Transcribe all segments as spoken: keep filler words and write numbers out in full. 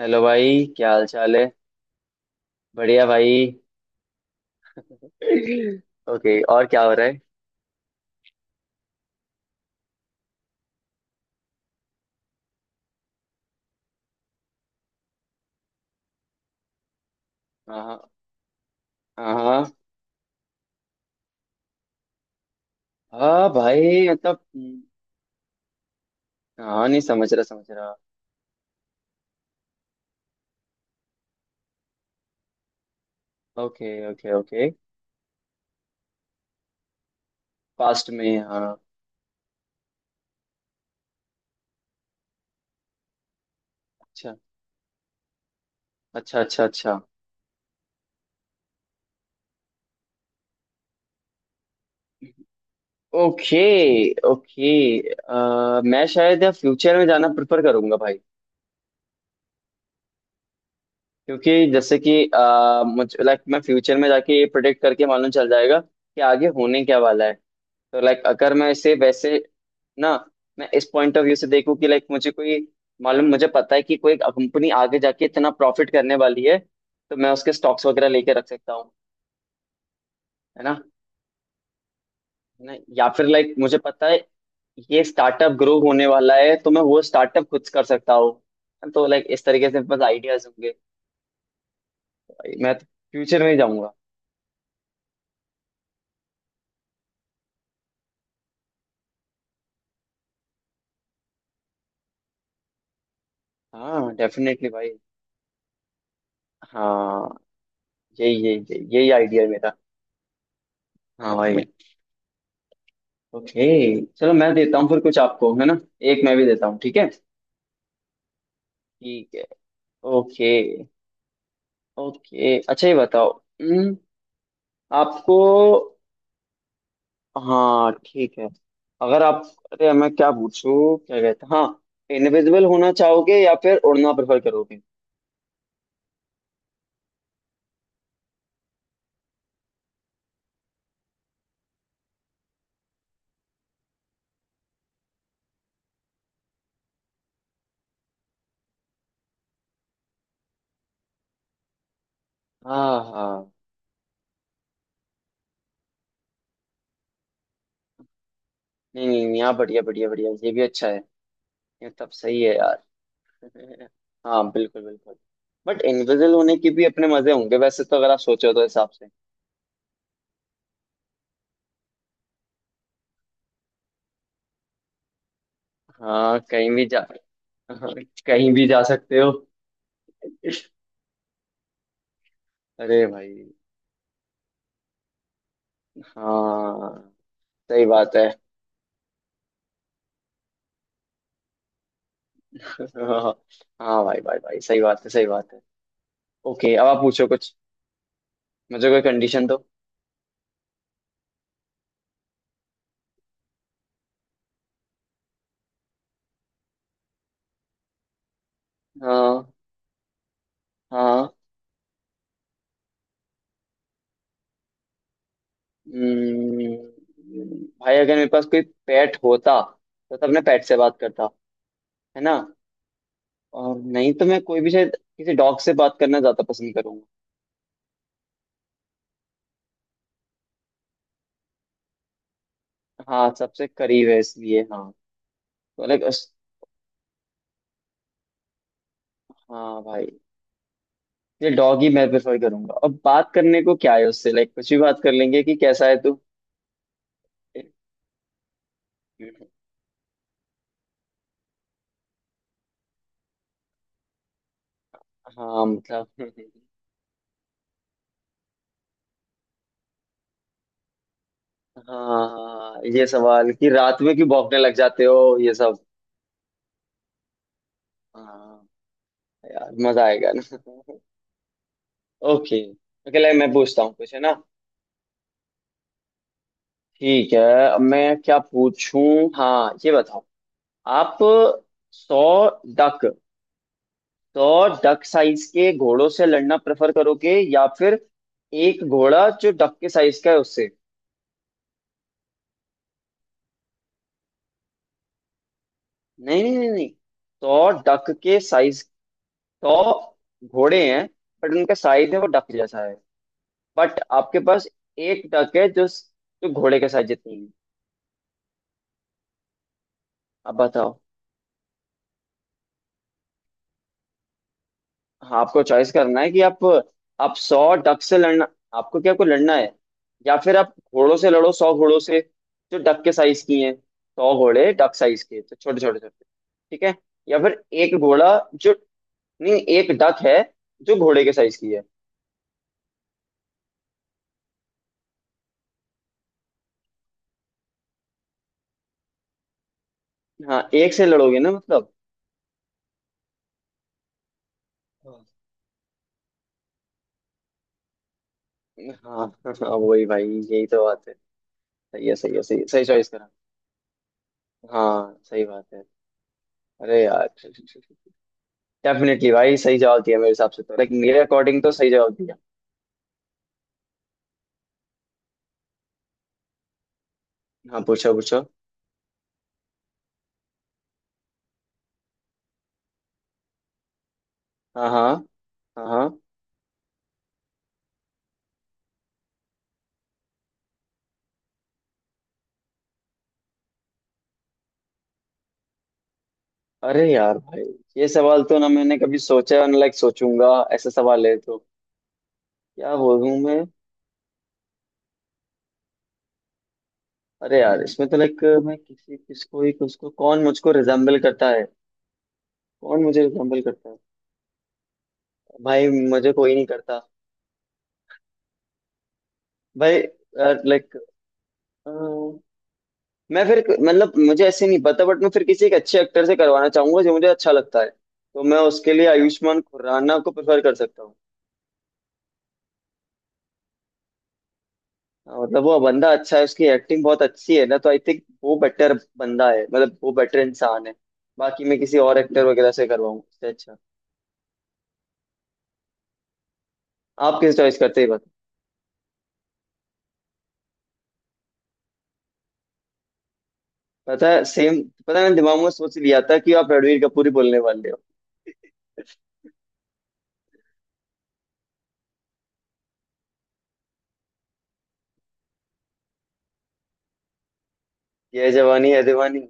Hello भाई। क्या हाल चाल है। बढ़िया भाई। ओके, और क्या हो रहा है। हाँ, हाँ, हाँ, हाँ भाई मतलब। हाँ, नहीं, समझ रहा समझ रहा। Okay, okay, okay. पास्ट में, हाँ। अच्छा, अच्छा, अच्छा, अच्छा। Okay, okay. अ, मैं शायद या फ्यूचर में जाना प्रेफर करूंगा भाई। क्योंकि जैसे कि आ, मुझे लाइक मैं फ्यूचर में जाके ये प्रिडिक्ट करके मालूम चल जाएगा कि आगे होने क्या वाला है। तो लाइक अगर मैं इसे वैसे, ना, मैं इस पॉइंट ऑफ व्यू से देखूं कि लाइक मुझे कोई मालूम मुझे पता है कि कोई कंपनी आगे जाके इतना प्रॉफिट करने वाली है। तो मैं उसके स्टॉक्स वगैरह लेके रख सकता हूँ, है ना। है ना, या फिर लाइक मुझे पता है, ये स्टार्टअप ग्रो होने वाला है तो मैं वो स्टार्टअप खुद कर सकता हूँ। तो लाइक इस तरीके से बस आइडियाज होंगे। भाई, मैं तो फ्यूचर में ही जाऊंगा। हाँ, डेफिनेटली भाई। हाँ, यही यही यही यही आइडिया है मेरा। हाँ भाई। ओके। चलो मैं देता हूँ फिर कुछ आपको, है ना। एक मैं भी देता हूँ, ठीक है। ठीक है। ओके। ओके, अच्छा ये बताओ। हम्म, आपको, हाँ ठीक है। अगर आप, अरे मैं क्या पूछूं क्या कहता, हाँ, इनविजिबल होना चाहोगे या फिर उड़ना प्रेफर करोगे। हाँ, हाँ। नहीं, नहीं, नहीं, हाँ, बढ़िया, बढ़िया, बढ़िया, ये भी अच्छा है। ये तब सही है यार। हाँ, बिल्कुल, बिल्कुल। बट इनविजिबल होने के भी अपने मजे होंगे वैसे, तो अगर आप सोचो तो हिसाब से। हाँ, कहीं भी जा। हाँ, कहीं भी जा सकते हो। अरे भाई। हाँ, सही बात है। हाँ, हाँ भाई, भाई, भाई, सही बात है, सही बात है। ओके, अब आप पूछो कुछ। मुझे कोई कंडीशन दो। हाँ, हाँ। हम्म, भाई, अगर मेरे पास कोई पेट होता, तो तब मैं पेट से बात करता। है ना। और नहीं तो मैं कोई भी, शायद किसी डॉग से बात करना ज्यादा पसंद करूंगा। हाँ, सबसे करीब है, इसलिए हाँ। तो लाइक उस, हाँ भाई, ये डॉग ही मैं प्रेफर करूंगा। अब बात करने को क्या है उससे, लाइक कुछ भी बात कर लेंगे कि कैसा है तू। हाँ, मतलब। हाँ, हाँ, ये सवाल कि रात में क्यों भौंकने लग जाते हो, ये सब। हाँ। यार मजा आएगा ना। ओके। ओके, लाइक मैं पूछता हूँ कुछ, है ना। ठीक है। अब मैं क्या पूछूं। हाँ, ये बताओ। आप सौ डक सौ डक साइज के घोड़ों से लड़ना प्रेफर करोगे, या फिर एक घोड़ा जो डक के साइज का है उससे। नहीं, नहीं, नहीं, नहीं। सौ डक के साइज। सौ घोड़े हैं। बट उनका साइज है, वो डक जैसा है। बट आपके पास, एक डक है जो जो घोड़े के साइज जितनी है। अब बताओ। हाँ, आपको चॉइस करना है कि आप आप सौ डक से लड़ना, आपको क्या, आपको लड़ना है, या फिर आप घोड़ों से लड़ो, सौ घोड़ों से। जो डक के साइज की हैं, सौ घोड़े डक साइज के, तो छोटे छोटे छोटे। ठीक है। या फिर एक घोड़ा जो, नहीं एक डक है जो घोड़े के साइज की है। हाँ, एक से लड़ोगे ना, मतलब। हाँ। हाँ, हाँ, वही भाई, यही तो बात है। सही है, सही है, सही सही चॉइस करा। हाँ, सही बात है। अरे यार। डेफिनेटली भाई, सही जवाब दिया मेरे हिसाब से, तो लाइक मेरे अकॉर्डिंग तो सही जवाब। हाँ, पूछो, पूछो। हाँ, हाँ, हाँ, हाँ। अरे यार भाई, ये सवाल तो ना मैंने कभी सोचा, ना लाइक सोचूंगा। ऐसा सवाल है तो, क्या बोलूं मैं। अरे यार, इसमें तो लाइक मैं किसी, किसको ही, किसको, कौन मुझको रिजेम्बल करता है। कौन मुझे रिजेम्बल करता है। भाई मुझे कोई नहीं करता। भाई, लाइक मैं फिर, मतलब मुझे ऐसे नहीं पता, बट मैं फिर किसी एक अच्छे एक्टर से करवाना चाहूंगा जो मुझे अच्छा लगता है, तो मैं उसके लिए आयुष्मान खुराना को प्रेफर कर सकता। हाँ, मतलब वो बंदा अच्छा है, उसकी एक्टिंग बहुत अच्छी है ना, तो आई थिंक वो बेटर बंदा है, मतलब वो बेटर इंसान है। बाकी मैं किसी और एक्टर वगैरह से करवाऊँ, उससे अच्छा। आप किस चॉइस करते हैं, ये बताओ। पता है, सेम। पता है, मैंने दिमाग में सोच लिया था कि आप रणवीर कपूर ही बोलने वाले हो। ये जवानी है दीवानी।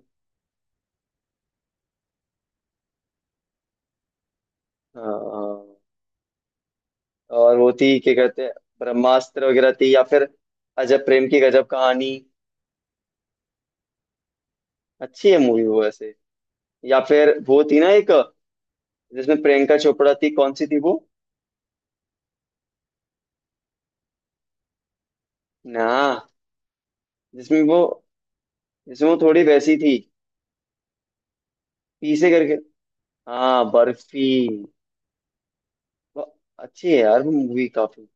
हाँ, और वो थी क्या कहते हैं। ब्रह्मास्त्र वगैरह थी, या फिर अजब प्रेम की गजब कहानी। अच्छी है मूवी वो वैसे। या फिर वो थी ना एक, जिसमें प्रियंका चोपड़ा थी, कौन सी थी वो। ना, जिसमें वो, इसमें वो थोड़ी वैसी थी। पीसे करके। हाँ, बर्फी। वो, अच्छी है यार वो मूवी काफी।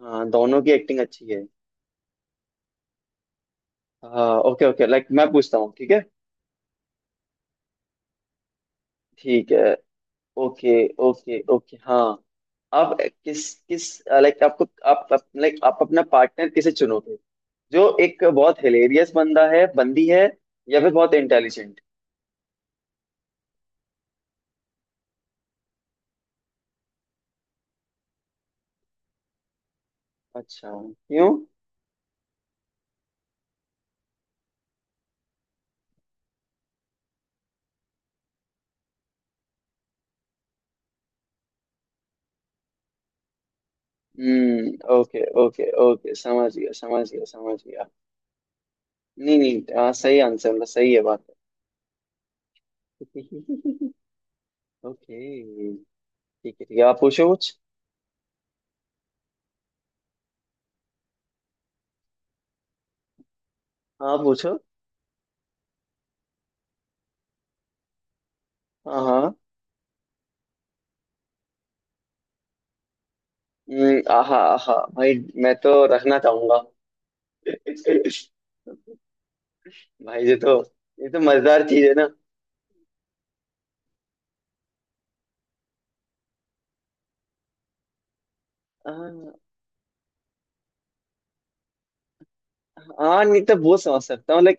हाँ, दोनों की एक्टिंग अच्छी है। हाँ, ओके, ओके, लाइक मैं पूछता हूँ, ठीक है। ठीक है। ओके। ओके, ओके, हाँ। आप किस किस, लाइक आपको, आप, लाइक आप अपना पार्टनर किसे चुनोगे, जो एक बहुत हिलेरियस बंदा है, बंदी है, या फिर बहुत इंटेलिजेंट। अच्छा, क्यों। हम्म, ओके, ओके, ओके, समझ गया, समझ गया, समझ गया। नहीं, नहीं, हाँ, सही आंसर, मतलब सही है बात। ओके। ठीक है, ठीक है, आप पूछो कुछ। हाँ, पूछो। हाँ, हाँ। हम्म, आहा, आहा भाई, मैं तो रखना चाहूंगा। भाई, ये तो, ये तो मजेदार चीज है ना। हाँ, हाँ, नहीं तो वो समझ सकता हूँ, लाइक,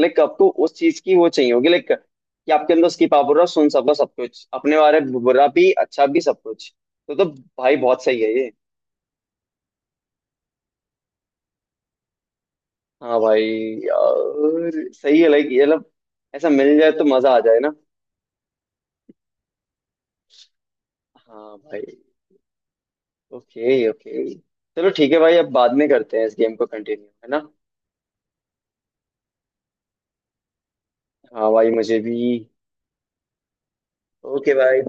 लाइक आपको उस चीज की वो चाहिए होगी, लाइक कि आपके अंदर उसकी पावर हो सुन सको सब कुछ, अपने बारे में बुरा भी अच्छा भी सब कुछ, तो तो भाई बहुत सही है ये। हाँ भाई, यार सही है, लाइक ये मतलब, ऐसा मिल जाए तो मजा आ जाए ना। हाँ भाई। ओके, ओके, चलो ठीक है भाई, अब बाद में करते हैं इस गेम को कंटिन्यू, है ना। हाँ भाई, मुझे भी। ओके भाई।